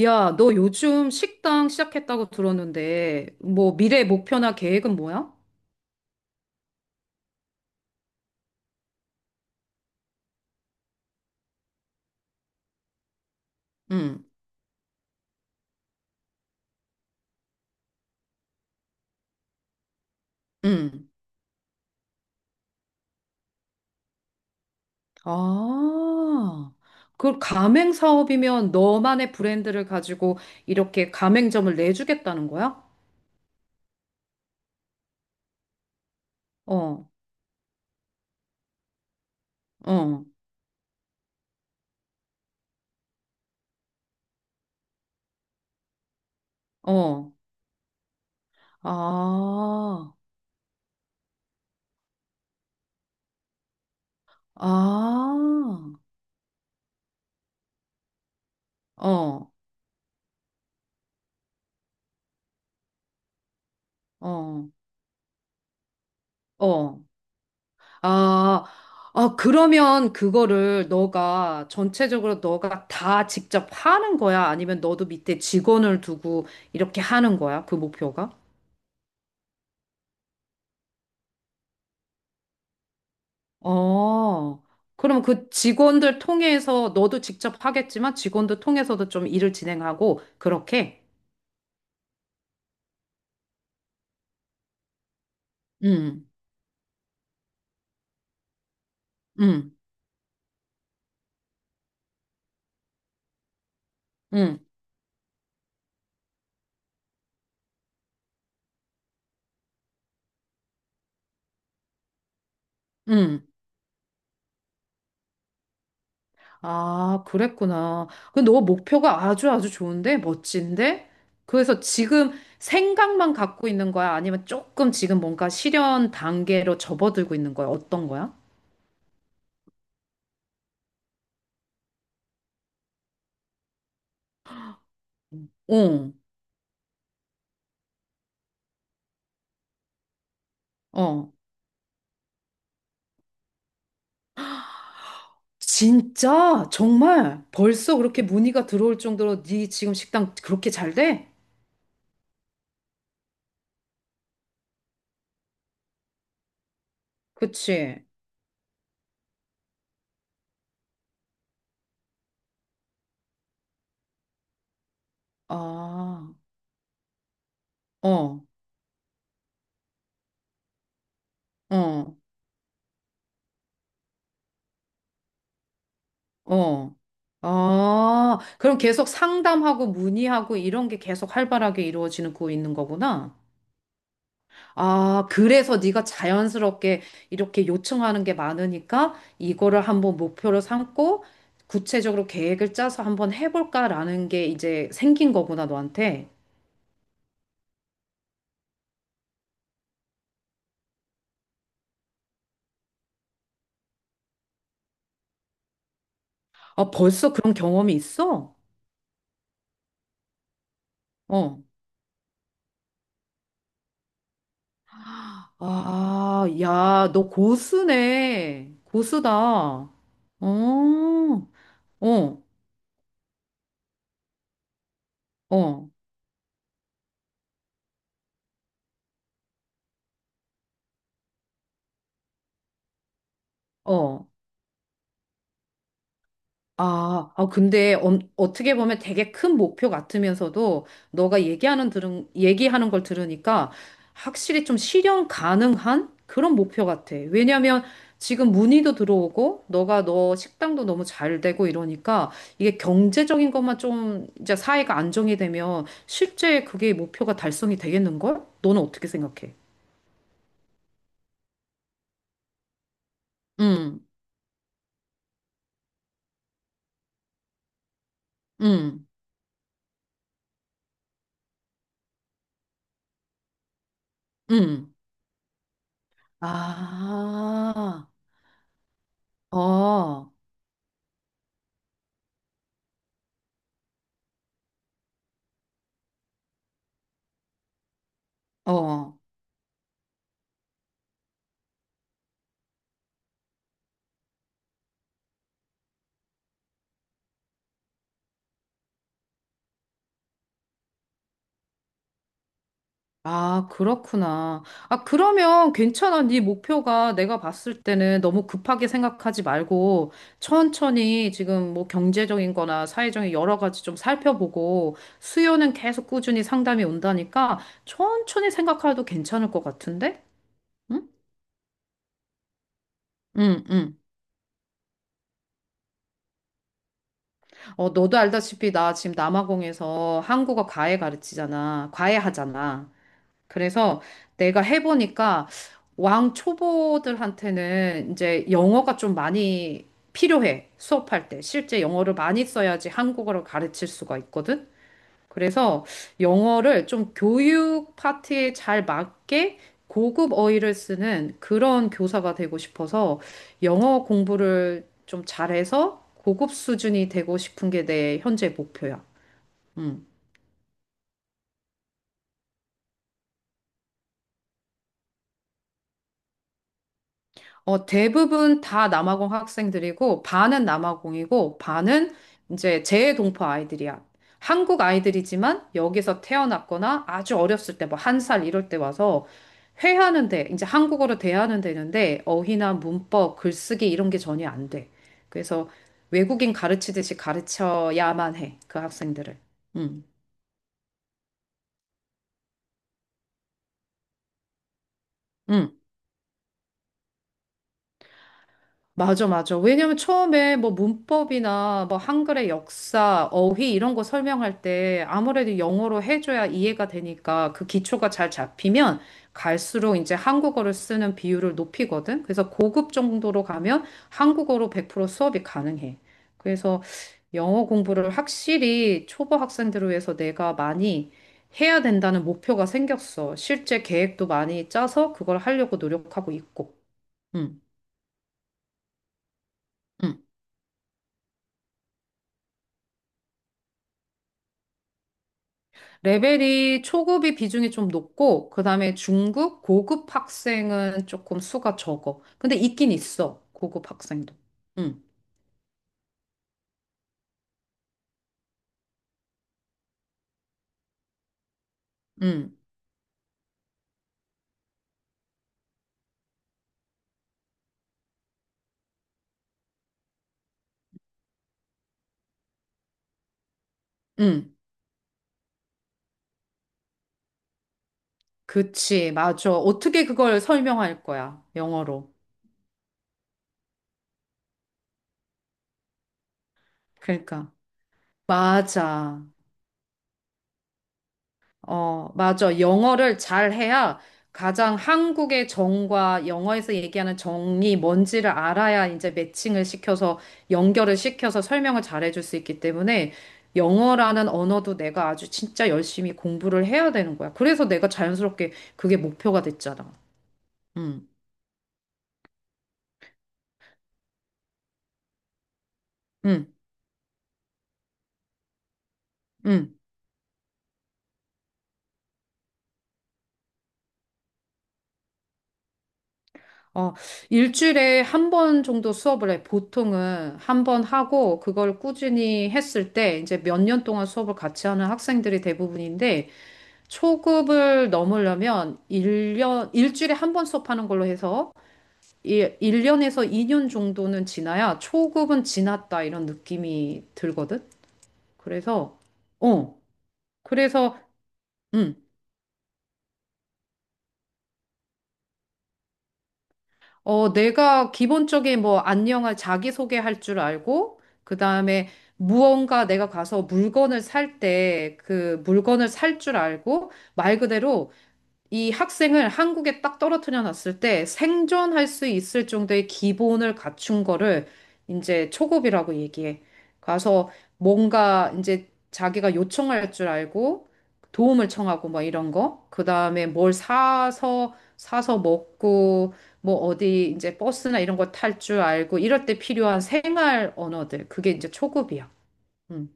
야, 너 요즘 식당 시작했다고 들었는데, 뭐 미래 목표나 계획은 뭐야? 응, 응. 아, 그 가맹 사업이면 너만의 브랜드를 가지고 이렇게 가맹점을 내주겠다는 거야? 어, 어, 어. 아, 아, 어, 어, 어. 아, 아, 그러면 그거를 너가 전체적으로 너가 다 직접 하는 거야? 아니면 너도 밑에 직원을 두고 이렇게 하는 거야? 그 목표가? 어, 그럼 그 직원들 통해서 너도 직접 하겠지만 직원들 통해서도 좀 일을 진행하고 그렇게? 응, 응, 응, 응. 아, 그랬구나. 근데 너 목표가 아주 아주 좋은데? 멋진데? 그래서 지금 생각만 갖고 있는 거야? 아니면 조금 지금 뭔가 실현 단계로 접어들고 있는 거야? 어떤 거야? 응, 어. 진짜? 정말? 벌써 그렇게 문의가 들어올 정도로 네 지금 식당 그렇게 잘 돼? 그치? 아, 어, 어, 어. 아, 그럼 계속 상담하고 문의하고 이런 게 계속 활발하게 이루어지는 거 있는 거구나? 아, 그래서 네가 자연스럽게 이렇게 요청하는 게 많으니까 이거를 한번 목표로 삼고 구체적으로 계획을 짜서 한번 해볼까라는 게 이제 생긴 거구나, 너한테. 아, 벌써 그런 경험이 있어? 어. 아, 야, 너 고수네. 고수다. 어, 어, 어, 어. 아, 아, 근데 어떻게 보면 되게 큰 목표 같으면서도 너가 얘기하는 들은 얘기하는 걸 들으니까 확실히 좀 실현 가능한 그런 목표 같아. 왜냐면 지금 문의도 들어오고 너가 너 식당도 너무 잘 되고 이러니까 이게 경제적인 것만 좀 이제 사회가 안정이 되면 실제 그게 목표가 달성이 되겠는걸? 너는 어떻게 생각해? 음, 음, 음. 아, 어, 어. 아, 그렇구나. 아, 그러면 괜찮아. 네 목표가 내가 봤을 때는 너무 급하게 생각하지 말고 천천히 지금 뭐 경제적인 거나 사회적인 여러 가지 좀 살펴보고 수요는 계속 꾸준히 상담이 온다니까 천천히 생각해도 괜찮을 것 같은데? 응? 응, 응. 어, 너도 알다시피 나 지금 남아공에서 한국어 과외 가르치잖아. 과외 하잖아. 그래서 내가 해보니까 왕 초보들한테는 이제 영어가 좀 많이 필요해. 수업할 때. 실제 영어를 많이 써야지 한국어를 가르칠 수가 있거든. 그래서 영어를 좀 교육 파트에 잘 맞게 고급 어휘를 쓰는 그런 교사가 되고 싶어서 영어 공부를 좀 잘해서 고급 수준이 되고 싶은 게 내 현재 목표야. 어, 대부분 다 남아공 학생들이고, 반은 남아공이고, 반은 이제 재외동포 아이들이야. 한국 아이들이지만 여기서 태어났거나 아주 어렸을 때, 뭐 한 살 이럴 때 와서 회하는 데, 이제 한국어로 대하는 데는데, 어휘나 문법, 글쓰기 이런 게 전혀 안 돼. 그래서 외국인 가르치듯이 가르쳐야만 해, 그 학생들을. 응, 응. 맞아, 맞아. 왜냐면 처음에 뭐 문법이나 뭐 한글의 역사, 어휘 이런 거 설명할 때 아무래도 영어로 해줘야 이해가 되니까 그 기초가 잘 잡히면 갈수록 이제 한국어를 쓰는 비율을 높이거든. 그래서 고급 정도로 가면 한국어로 100% 수업이 가능해. 그래서 영어 공부를 확실히 초보 학생들을 위해서 내가 많이 해야 된다는 목표가 생겼어. 실제 계획도 많이 짜서 그걸 하려고 노력하고 있고. 응, 응. 레벨이 초급이 비중이 좀 높고, 그 다음에 중급, 고급 학생은 조금 수가 적어. 근데 있긴 있어, 고급 학생도. 응, 응, 응. 그치, 맞아. 어떻게 그걸 설명할 거야, 영어로. 그러니까. 맞아. 어, 맞아. 영어를 잘해야 가장 한국의 정과 영어에서 얘기하는 정이 뭔지를 알아야 이제 매칭을 시켜서 연결을 시켜서 설명을 잘해줄 수 있기 때문에 영어라는 언어도 내가 아주 진짜 열심히 공부를 해야 되는 거야. 그래서 내가 자연스럽게 그게 목표가 됐잖아. 응, 응, 응. 어, 일주일에 한 번 정도 수업을 해. 보통은 한 번 하고 그걸 꾸준히 했을 때 이제 몇 년 동안 수업을 같이 하는 학생들이 대부분인데 초급을 넘으려면 일년 일주일에 한 번 수업하는 걸로 해서 이 1년에서 2년 정도는 지나야 초급은 지났다 이런 느낌이 들거든. 그래서, 어, 그래서, 음, 어, 내가 기본적인 뭐 안녕을 자기소개할 줄 알고, 그 다음에 무언가 내가 가서 물건을 살 때 그 물건을 살 줄 알고, 말 그대로 이 학생을 한국에 딱 떨어뜨려 놨을 때 생존할 수 있을 정도의 기본을 갖춘 거를 이제 초급이라고 얘기해. 가서 뭔가 이제 자기가 요청할 줄 알고 도움을 청하고 뭐 이런 거. 그다음에 뭘 사서 먹고 뭐 어디 이제 버스나 이런 거 탈 줄 알고 이럴 때 필요한 생활 언어들. 그게 이제 초급이야. 음.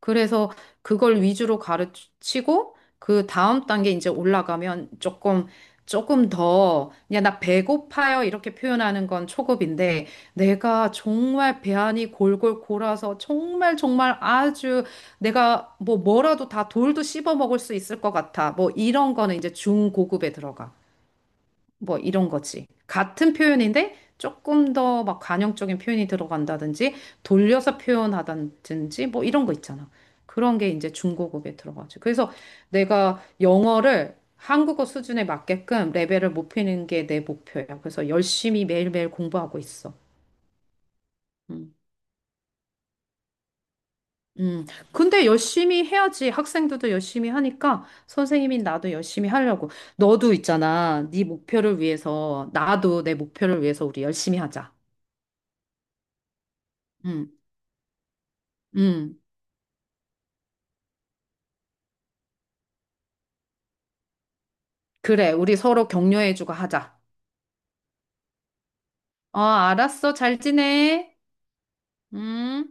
그래서 그걸 위주로 가르치고 그 다음 단계 이제 올라가면 조금 더 그냥 나 배고파요 이렇게 표현하는 건 초급인데 내가 정말 배 안이 골골 골아서 정말 정말 아주 내가 뭐 뭐라도 다 돌도 씹어 먹을 수 있을 것 같아. 뭐 이런 거는 이제 중고급에 들어가. 뭐 이런 거지. 같은 표현인데 조금 더 막 관용적인 표현이 들어간다든지 돌려서 표현하다든지 뭐 이런 거 있잖아. 그런 게 이제 중고급에 들어가지. 그래서 내가 영어를 한국어 수준에 맞게끔 레벨을 높이는 게 내 목표야. 그래서 열심히 매일매일 공부하고 있어. 음. 음. 근데 열심히 해야지. 학생들도 열심히 하니까 선생님인 나도 열심히 하려고. 너도 있잖아. 네 목표를 위해서 나도 내 목표를 위해서 우리 열심히 하자. 음. 음, 그래. 우리 서로 격려해주고 하자. 어, 알았어. 잘 지내. 음.